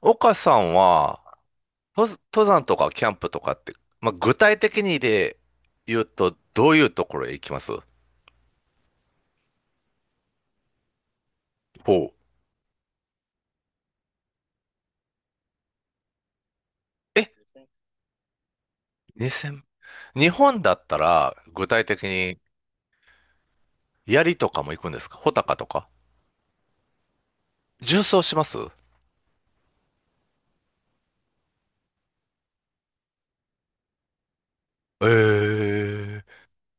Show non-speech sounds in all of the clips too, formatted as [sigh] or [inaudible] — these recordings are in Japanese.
岡さんは、登山とかキャンプとかって、まあ、具体的に言うと、どういうところへ行きます？ほう。え、2000、日本だったら、具体的に、槍とかも行くんですか？穂高とか縦走します？えー、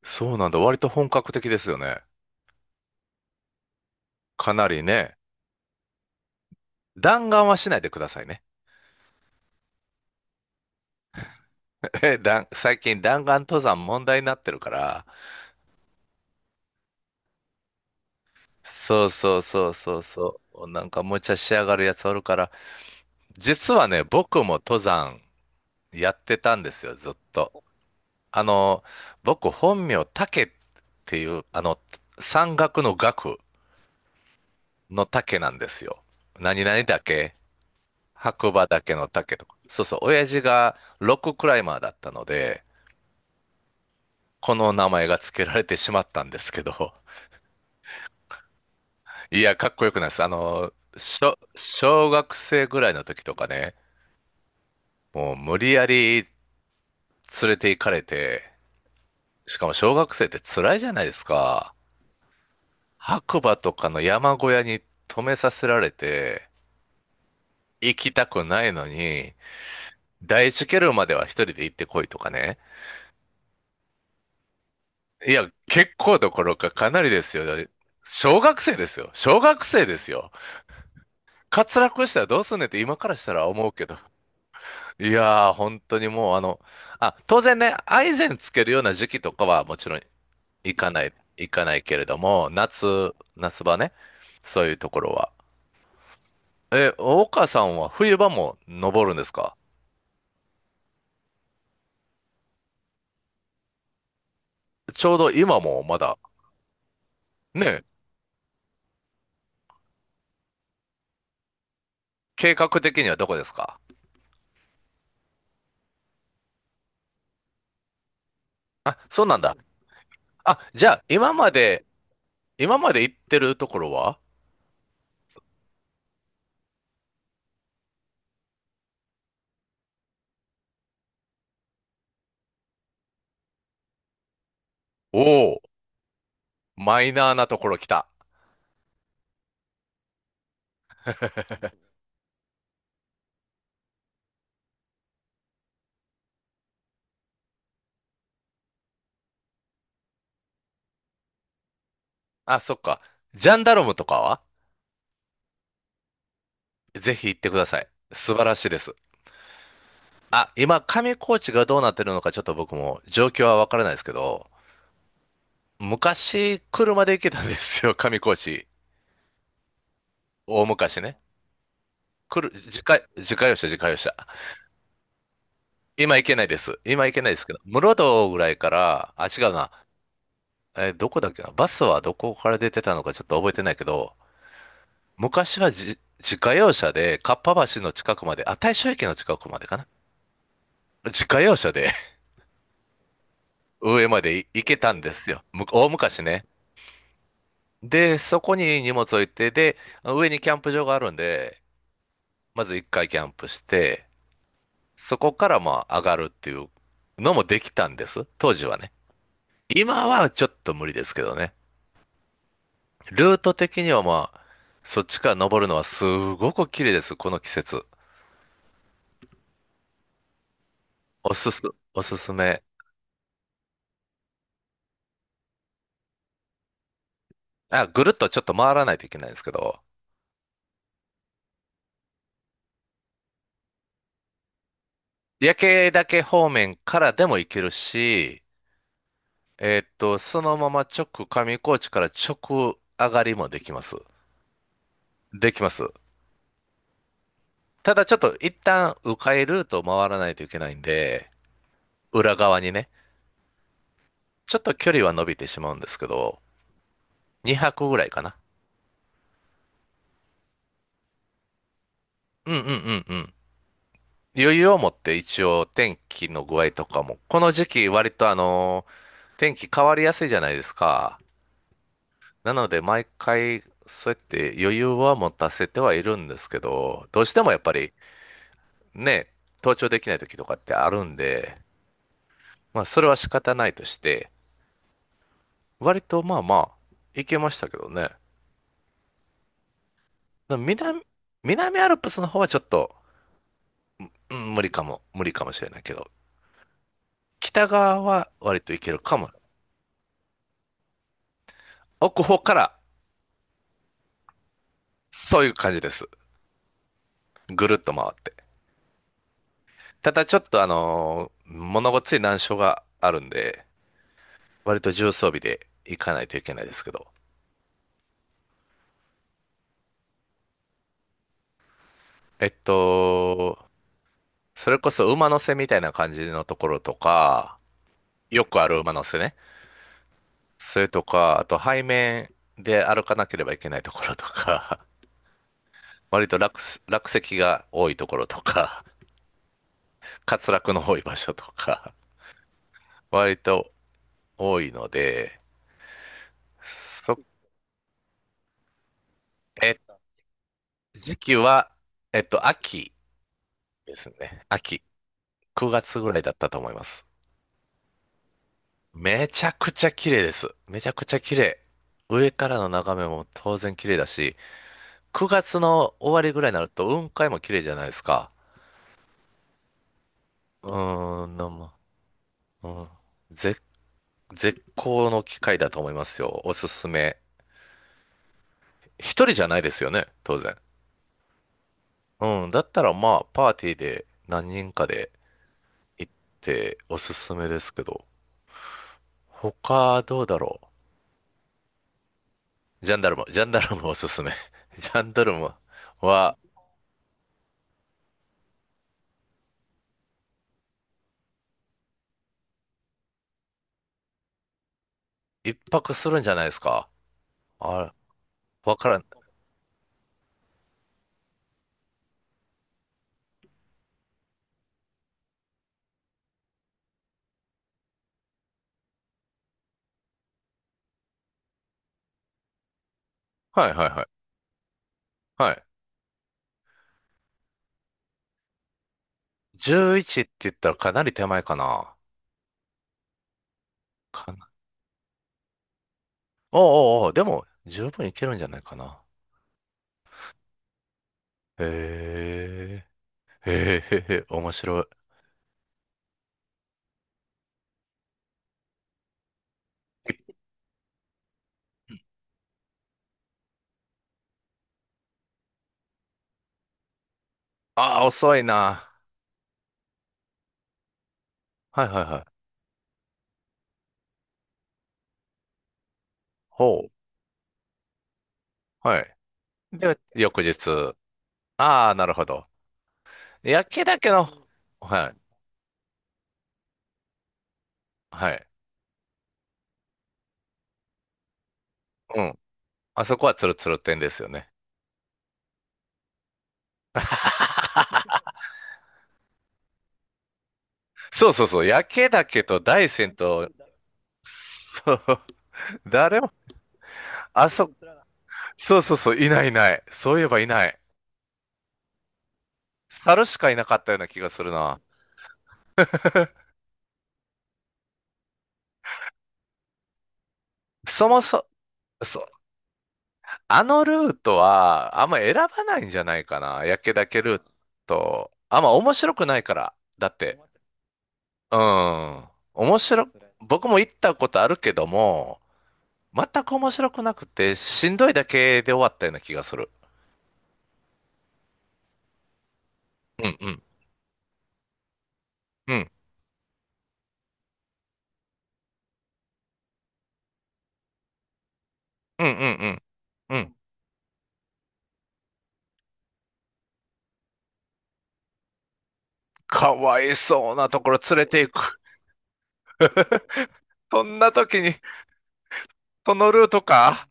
そうなんだ。割と本格的ですよね。かなりね。弾丸はしないでくださいね。[laughs] 最近弾丸登山問題になってるから。そうそうそうそうそう。なんか無茶しやがるやつおるから、実はね、僕も登山やってたんですよ、ずっと。あの、僕本名、竹っていう、山岳の岳の竹なんですよ。何々岳、白馬岳の竹とか。そうそう、親父がロッククライマーだったので、この名前が付けられてしまったんですけど、[laughs] いや、かっこよくないです。小学生ぐらいの時とかね、もう無理やり連れて行かれて、しかも小学生って辛いじゃないですか。白馬とかの山小屋に泊めさせられて、行きたくないのに、第一ケルンまでは一人で行ってこいとかね。いや、結構どころかかなりですよ。小学生ですよ。小学生ですよ。滑落したらどうすんねんって今からしたら思うけど。いやー、本当にもう当然ね、アイゼンつけるような時期とかはもちろん行かないけれども、夏場ね。そういうところは。え、大川さんは冬場も登るんですか？ちょうど今もまだ、ね、計画的にはどこですか？あ、そうなんだ。あ、じゃあ、今まで行ってるところは？おお、マイナーなところ来た。あ、そっか。ジャンダルムとかは？ぜひ行ってください。素晴らしいです。あ、今、上高地がどうなってるのか、ちょっと僕も状況はわからないですけど、昔、車で行けたんですよ、[laughs] 上高地。大昔ね。来る、自家、自家用車、自家用車。今行けないです。今行けないですけど、室堂ぐらいから、あ、違うな。どこだっけな？バスはどこから出てたのかちょっと覚えてないけど、昔は自家用車で、かっぱ橋の近くまで、あ、大正駅の近くまでかな？自家用車で [laughs] 上まで行けたんですよ。大昔ね。で、そこに荷物置いて、で、上にキャンプ場があるんで、まず一回キャンプして、そこからまあ上がるっていうのもできたんです。当時はね。今はちょっと無理ですけどね。ルート的にはまあ、そっちから登るのはすごく綺麗です。この季節。おすす、おすすめ。あ、ぐるっとちょっと回らないといけないんですけど、夜景だけ方面からでも行けるし、そのまま直上高地から直上がりもできます。できます。ただちょっと一旦迂回ルートを回らないといけないんで、裏側にね、ちょっと距離は伸びてしまうんですけど、2泊ぐらいかな。うんうんうんうん。余裕を持って一応天気の具合とかも、この時期割と天気変わりやすいじゃないですか。なので毎回そうやって余裕は持たせてはいるんですけど、どうしてもやっぱりね、登頂できない時とかってあるんで、まあそれは仕方ないとして、割とまあまあ行けましたけどね。南、南アルプスの方はちょっと、うん、無理かもしれないけど、北側は割と行けるかも。奥方からそういう感じです。ぐるっと回って。ただちょっと物ごっつい難所があるんで、割と重装備で行かないといけないですけど。えっと、それこそ馬の背みたいな感じのところとか、よくある馬の背ね。それとか、あと背面で歩かなければいけないところとか、[laughs] 割と落石が多いところとか、[laughs] 滑落の多い場所とか、割と多いので、そ、え、時期は、秋ですね。秋。9月ぐらいだったと思います。めちゃくちゃ綺麗です。めちゃくちゃ綺麗。上からの眺めも当然綺麗だし、9月の終わりぐらいになると雲海も綺麗じゃないですか。うーん、なんも。うん。絶、絶好の機会だと思いますよ。おすすめ。一人じゃないですよね、当然。うん、だったらまあ、パーティーで何人かで行っておすすめですけど、他どうだろう。ジャンダルム、ジャンダルムおすすめ。[laughs] ジャンダルムは一泊するんじゃないですか。あれわからん。はいはいはい。はい。11って言ったらかなり手前かな。かな。おうおうおう、でも十分いけるんじゃないかな。へえ。へえへへ、面白い。ああ、遅いな。はいはいはい。ほう。はい。で、翌日。ああ、なるほど。焼きだけの、はい。はい。うん。あそこはツルツル店ですよね。そうそうそう。焼けだけと大山と、そう。誰も、あそ、そうそうそう。いないいない。そういえばいない。猿しかいなかったような気がするな。そもそ、そう、あのルートは、あんま選ばないんじゃないかな。焼岳ルート。あんま面白くないから。だって、うん。面白、僕も行ったことあるけども、全く面白くなくて、しんどいだけで終わったような気がする。うんうん。うん。うんうんうんうん。かわいそうなところ連れていく。[laughs] そんな時に、そのルートか。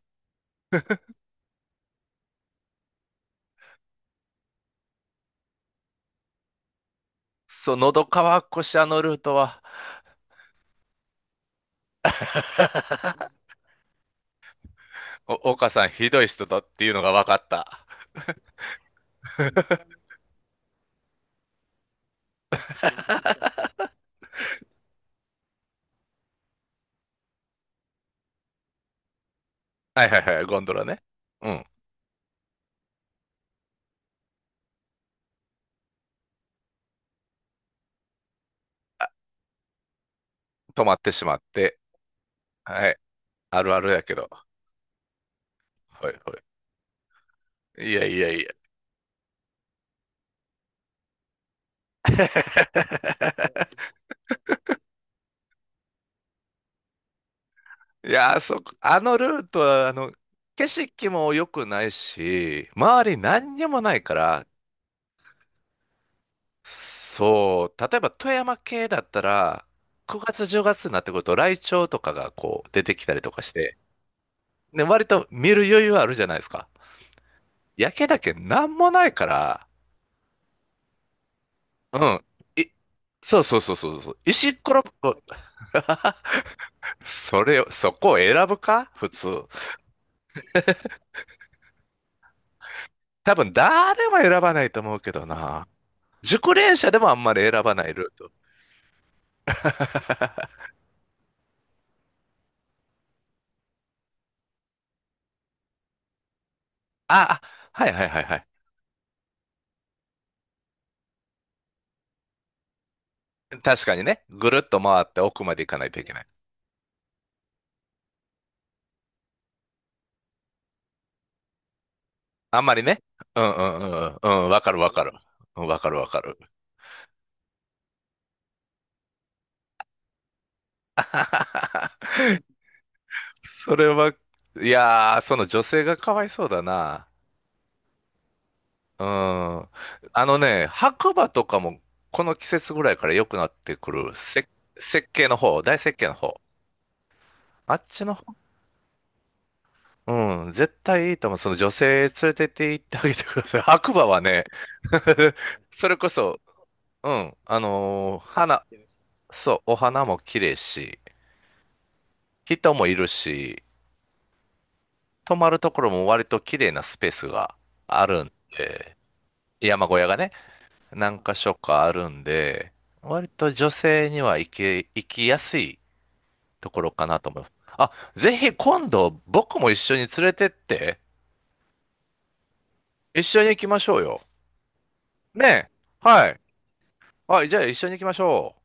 そう、喉乾くし、あのルートは。[laughs] 岡さん、ひどい人だっていうのが分かった。[laughs] はいはいはい、ゴンドラね。うん、止まってしまって。はい、あるあるやけど。はいはい。いやいやいや。[laughs] いや、あそこ、あのルートは、景色も良くないし、周り何にもないから、そう、例えば富山系だったら、9月10月になってくると、ライチョウとかがこう出てきたりとかして、で、割と見る余裕あるじゃないですか。焼けだけなんもないから、うん。い、そうそうそうそうそう。石っころぼ、[laughs] それを、そこを選ぶか普通。多分誰も選ばないと思うけどな。熟練者でもあんまり選ばないルート。あ、はいはいはいはい。確かにね。ぐるっと回って奥まで行かないといけない。あんまりね。うんうんうんうん。うん、わかるわかる。うんわかるわかる。それは、いやー、その女性がかわいそうだな。うん。あのね、白馬とかもこの季節ぐらいから良くなってくる。設計の方、大設計の方。あっちの方、うん、絶対いいと思う。その女性連れてって行ってあげてください。[laughs] 白馬はね、[laughs] それこそ、うん、花、そう、お花も綺麗し、人もいるし、泊まるところも割と綺麗なスペースがあるんで、山小屋がね。何か所かあるんで、割と女性には行きやすいところかなと思います。あ、ぜひ今度僕も一緒に連れてって、一緒に行きましょうよ。ねえ。はい。あ、じゃあ一緒に行きましょう。